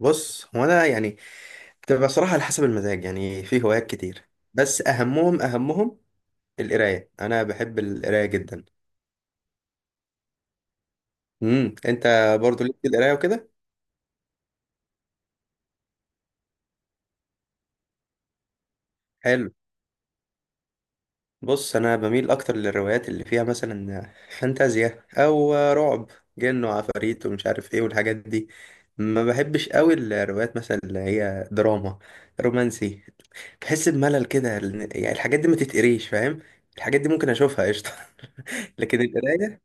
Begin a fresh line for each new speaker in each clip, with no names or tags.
بص هو انا يعني بتبقى صراحه على حسب المزاج. يعني في هوايات كتير، بس اهمهم القرايه. انا بحب القرايه جدا. انت برضو ليك في القرايه وكده؟ حلو. بص انا بميل اكتر للروايات اللي فيها مثلا فانتازيا او رعب، جن وعفاريت ومش عارف ايه والحاجات دي. ما بحبش قوي الروايات مثلا اللي هي دراما، رومانسي. بحس بملل كده يعني الحاجات دي ما تتقريش، فاهم؟ الحاجات دي ممكن اشوفها قشطه، لكن القرايه.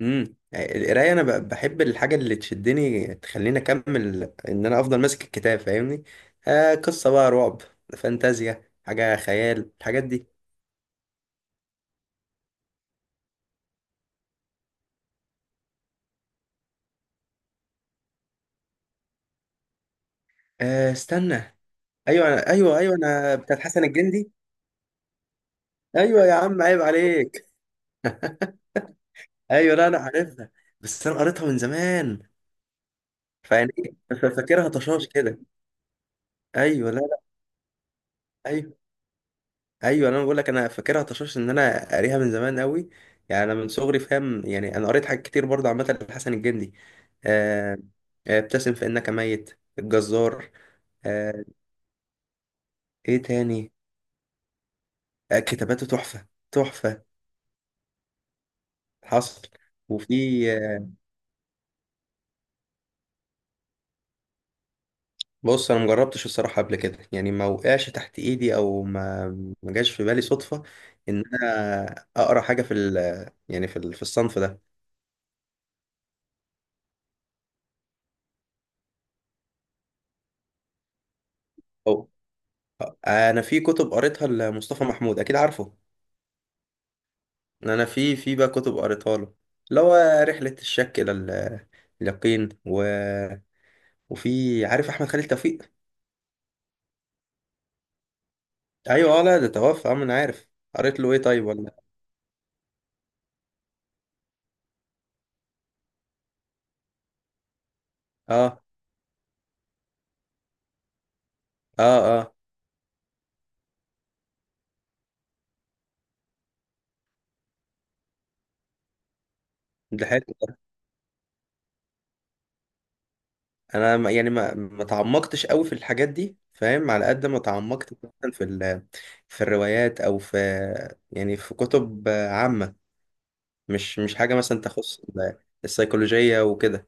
القرايه انا بحب الحاجه اللي تشدني تخليني اكمل، ان انا افضل ماسك الكتاب، فاهمني؟ قصه بقى رعب، فانتازيا، حاجه خيال، الحاجات دي. آه، استنى. ايوه، أنا، ايوه ايوه، انا بتاعت حسن الجندي. ايوه يا عم، عيب عليك. ايوه، لا انا عارفها، بس انا قريتها من زمان. فيعني إيه، ففاكرها طشاش كده. ايوه، لا لا. ايوه ايوه، انا بقول لك انا فاكرها طشاش، ان انا قاريها من زمان قوي. يعني انا من صغري، فاهم؟ يعني انا قريت حاجات كتير برضه عامه لحسن الجندي. آه، ابتسم فانك ميت الجزار. آه، ايه تاني؟ كتاباته تحفه تحفه. حصل. وفي بص انا مجربتش الصراحه قبل كده، يعني ما وقعش تحت ايدي، او ما جاش في بالي صدفه ان انا اقرا حاجه في ال، يعني في الصنف ده. او انا في كتب قريتها لمصطفى محمود، اكيد عارفه. انا في بقى كتب قريتها له، اللي هو رحله الشك الى اليقين، و... وفي عارف احمد خالد توفيق. ايوه، لا ده توفى، ما انا عارف. قريت له ايه طيب ولا؟ اه اه اه. ده حلو ده. انا يعني ما تعمقتش قوي في الحاجات دي، فاهم؟ على قد ما تعمقت مثلا في ال، في الروايات او في، يعني في كتب عامه، مش حاجه مثلا تخص السيكولوجيه وكده.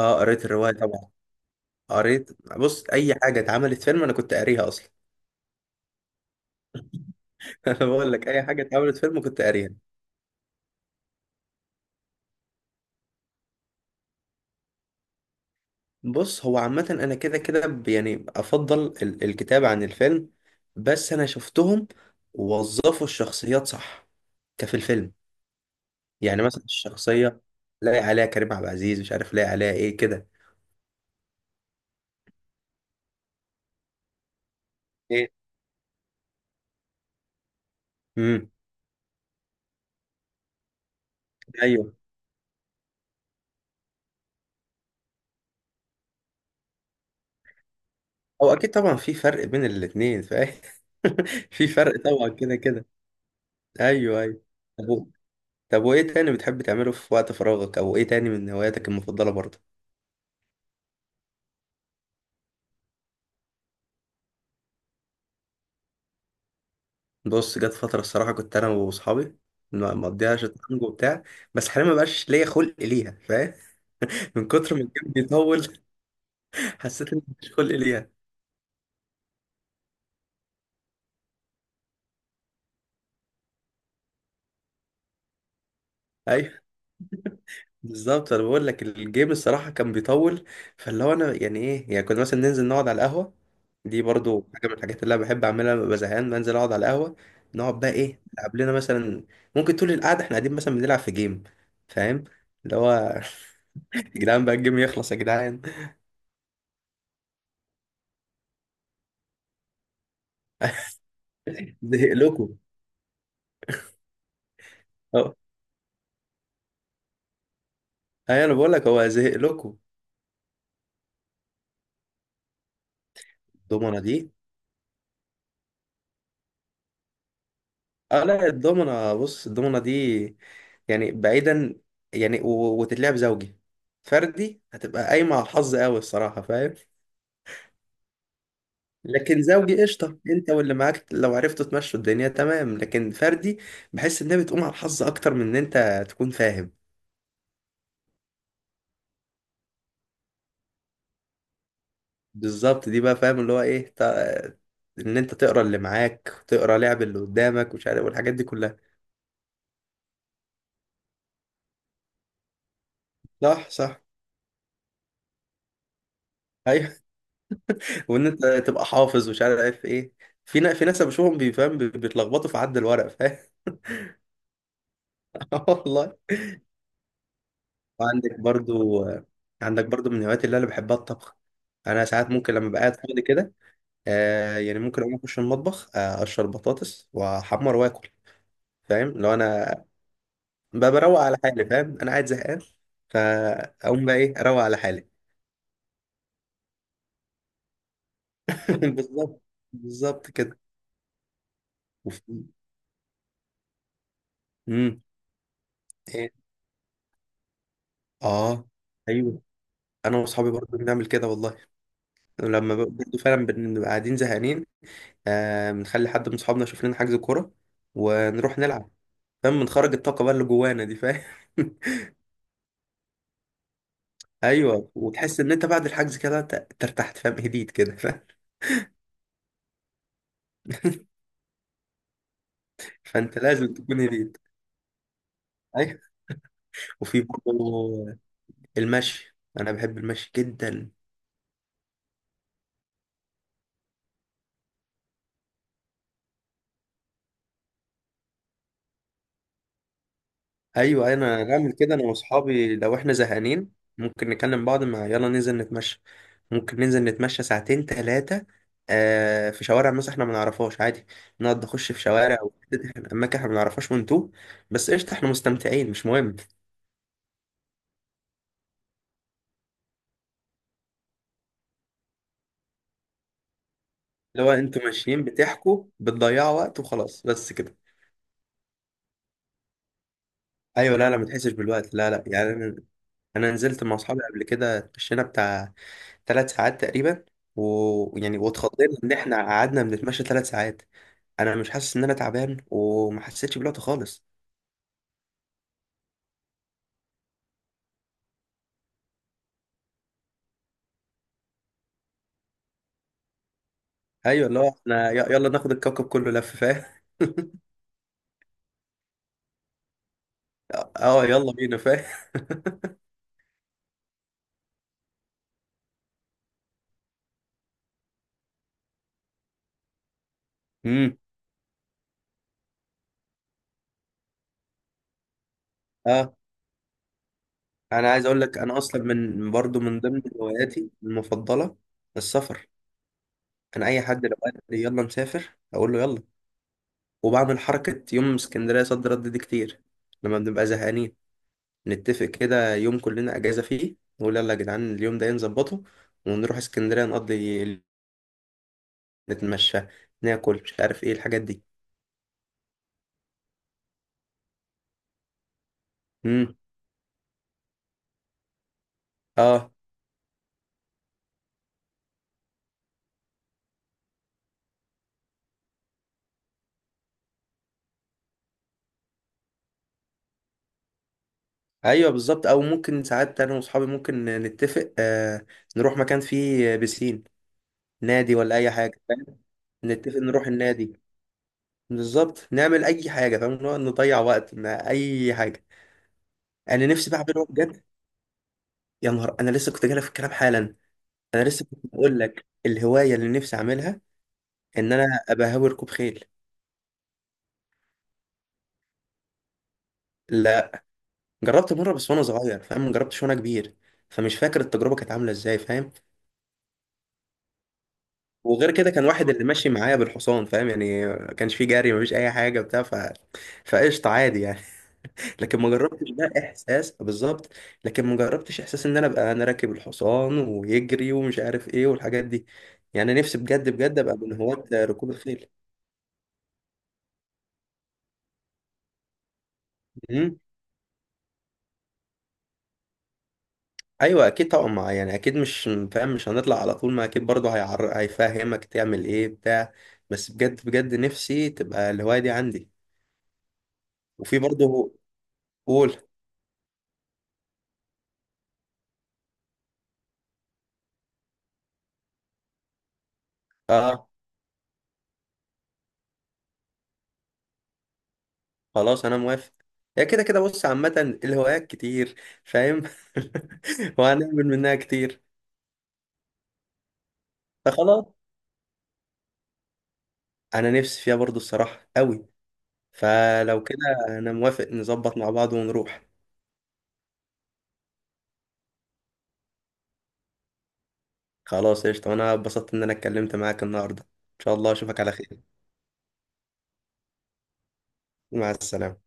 اه، قريت الروايه طبعا. قريت. بص اي حاجه اتعملت فيلم انا كنت قاريها اصلا. انا بقول لك اي حاجه اتعملت فيلم كنت قاريها. بص هو عامه انا كده كده، يعني افضل الكتاب عن الفيلم، بس انا شفتهم ووظفوا الشخصيات صح كفي الفيلم. يعني مثلا الشخصيه، لاقي عليها كريم عبد العزيز، مش عارف لاقي عليها ايه كده. ايه؟ امم ايوه، هو اكيد طبعا في فرق بين الاثنين، فاهم؟ في فرق طبعا كده كده. ايوه ايوه. طب وايه تاني بتحب تعمله في وقت فراغك، او ايه تاني من هواياتك المفضله برضه؟ بص جت فتره الصراحه كنت انا واصحابي مقضيها شطرنج وبتاع، بس حاليا ما بقاش ليا خلق ليها، فاهم؟ من كتر ما الجيم بيطول. حسيت ان مش خلق ليها. ايوه بالظبط، انا بقول لك الجيم الصراحه كان بيطول. فاللي هو انا، يعني ايه، يعني كنا مثلا ننزل نقعد على القهوه. دي برضو حاجه من الحاجات اللي انا بحب اعملها، لما ببقى زهقان بنزل اقعد على القهوه. نقعد بقى ايه، نلعب لنا مثلا. ممكن طول القعده احنا قاعدين مثلا بنلعب في جيم، فاهم؟ اللي هو يا جدعان بقى الجيم يخلص يا جدعان. زهق لكم. اه، ايوه انا بقول لك هو زهق لكم. الضمنه دي. اه لا، الضمنة، بص الضمنة دي يعني بعيدا، يعني وتتلعب زوجي، فردي هتبقى قايمة على الحظ قوي الصراحة، فاهم؟ لكن زوجي قشطة، انت واللي معاك لو عرفتوا تمشوا الدنيا تمام. لكن فردي، بحس انها بتقوم على الحظ اكتر من ان انت تكون فاهم. بالظبط، دي بقى فاهم، اللي هو ايه ان انت تقرا اللي معاك، تقرا لعب اللي قدامك، مش عارف والحاجات دي كلها. صح صح. ايوه، وان انت تبقى حافظ ومش عارف ايه. في ناس بشوفهم بيتلخبطوا في عد الورق، فاهم؟ آه والله. وعندك برضو عندك برضو من الهوايات اللي انا بحبها الطبخ. انا ساعات ممكن لما بقعد فاضي كده، يعني ممكن اقوم اخش المطبخ، اقشر بطاطس واحمر واكل، فاهم؟ لو انا بروق على حالي، فاهم؟ انا قاعد زهقان فاقوم بقى ايه، اروق على حالي. بالظبط. بالظبط كده. وفي- امم إيه؟ اه. ايوه انا واصحابي برضو بنعمل كده والله، لما برضه فعلا بنبقى قاعدين زهقانين، بنخلي حد من صحابنا يشوف لنا حجز كورة ونروح نلعب، فاهم؟ بنخرج الطاقة بقى اللي جوانا دي، فاهم؟ ايوه، وتحس ان انت بعد الحجز كده ترتحت، فاهم؟ هديت كده، فاهم؟ فانت لازم تكون هديت. ايوه. وفي برضه المشي، انا بحب المشي جدا. ايوه ايوه، انا بعمل كده انا واصحابي لو احنا زهقانين. ممكن نكلم بعض، مع يلا ننزل نتمشى. ممكن ننزل نتمشى ساعتين، ثلاثه. في شوارع مثلا احنا ما نعرفهاش، عادي نقعد نخش في شوارع، او اماكن احنا ما نعرفهاش ونتوه. بس قشطه احنا مستمتعين، مش مهم. اللي هو انتوا ماشيين بتحكوا بتضيعوا وقت وخلاص، بس كده. ايوه، لا لا، ما تحسش بالوقت، لا لا يعني. انا نزلت مع اصحابي قبل كده، اتمشينا بتاع 3 ساعات تقريبا. ويعني واتخضينا ان احنا قعدنا بنتمشى 3 ساعات. انا مش حاسس ان انا تعبان، وما حسيتش بالوقت خالص. ايوه، اللي هو احنا يلا ناخد الكوكب كله لف، فاهم؟ اه يلا بينا، فاهم؟ امم اه. انا عايز اقول لك، انا اصلا من برضو من ضمن هواياتي المفضله السفر. انا اي حد لو قال لي يلا نسافر اقول له يلا، وبعمل حركه يوم اسكندريه صد رد دي كتير لما بنبقى زهقانين. نتفق كده يوم كلنا اجازه فيه، نقول يلا يا جدعان اليوم ده نظبطه، ونروح اسكندريه نقضي نتمشى، ناكل، مش عارف ايه الحاجات دي. امم اه. ايوه بالظبط، او ممكن ساعات انا واصحابي ممكن نتفق، نروح مكان فيه بسين، نادي ولا اي حاجه، فاهم؟ نتفق نروح النادي. بالظبط، نعمل اي حاجه، فاهم؟ نقعد نضيع وقت ما، اي حاجه. انا نفسي بقى اعمله بجد. يا نهار، انا لسه كنت جاي في الكلام حالا. انا لسه كنت بقول لك الهوايه اللي نفسي اعملها ان انا ابقى هاوي ركوب خيل. لا، جربت مره بس وانا صغير، فاهم؟ ما جربتش وانا كبير، فمش فاكر التجربه كانت عامله ازاي، فاهم؟ وغير كده كان واحد اللي ماشي معايا بالحصان، فاهم؟ يعني ما كانش فيه جري، ما فيش اي حاجه بتاع فقشطه، عادي يعني. لكن ما جربتش ده احساس بالظبط. لكن ما جربتش احساس ان انا ابقى انا راكب الحصان ويجري ومش عارف ايه والحاجات دي. يعني نفسي بجد بجد ابقى من هواة ركوب الخيل. ايوه اكيد طبعا، ما يعني اكيد مش فاهم، مش هنطلع على طول. ما اكيد برضه هيفهمك تعمل ايه بتاع. بس بجد بجد نفسي تبقى الهوايه دي عندي. وفي برضه. قول. اه، خلاص انا موافق. هي كده كده بص، عامه الهوايات كتير، فاهم؟ وهنعمل منها كتير. فخلاص، انا نفسي فيها برضه الصراحه قوي، فلو كده انا موافق، نظبط مع بعض ونروح. خلاص قشطه، انا اتبسطت ان انا اتكلمت معاك النهارده، ان شاء الله اشوفك على خير. مع السلامه.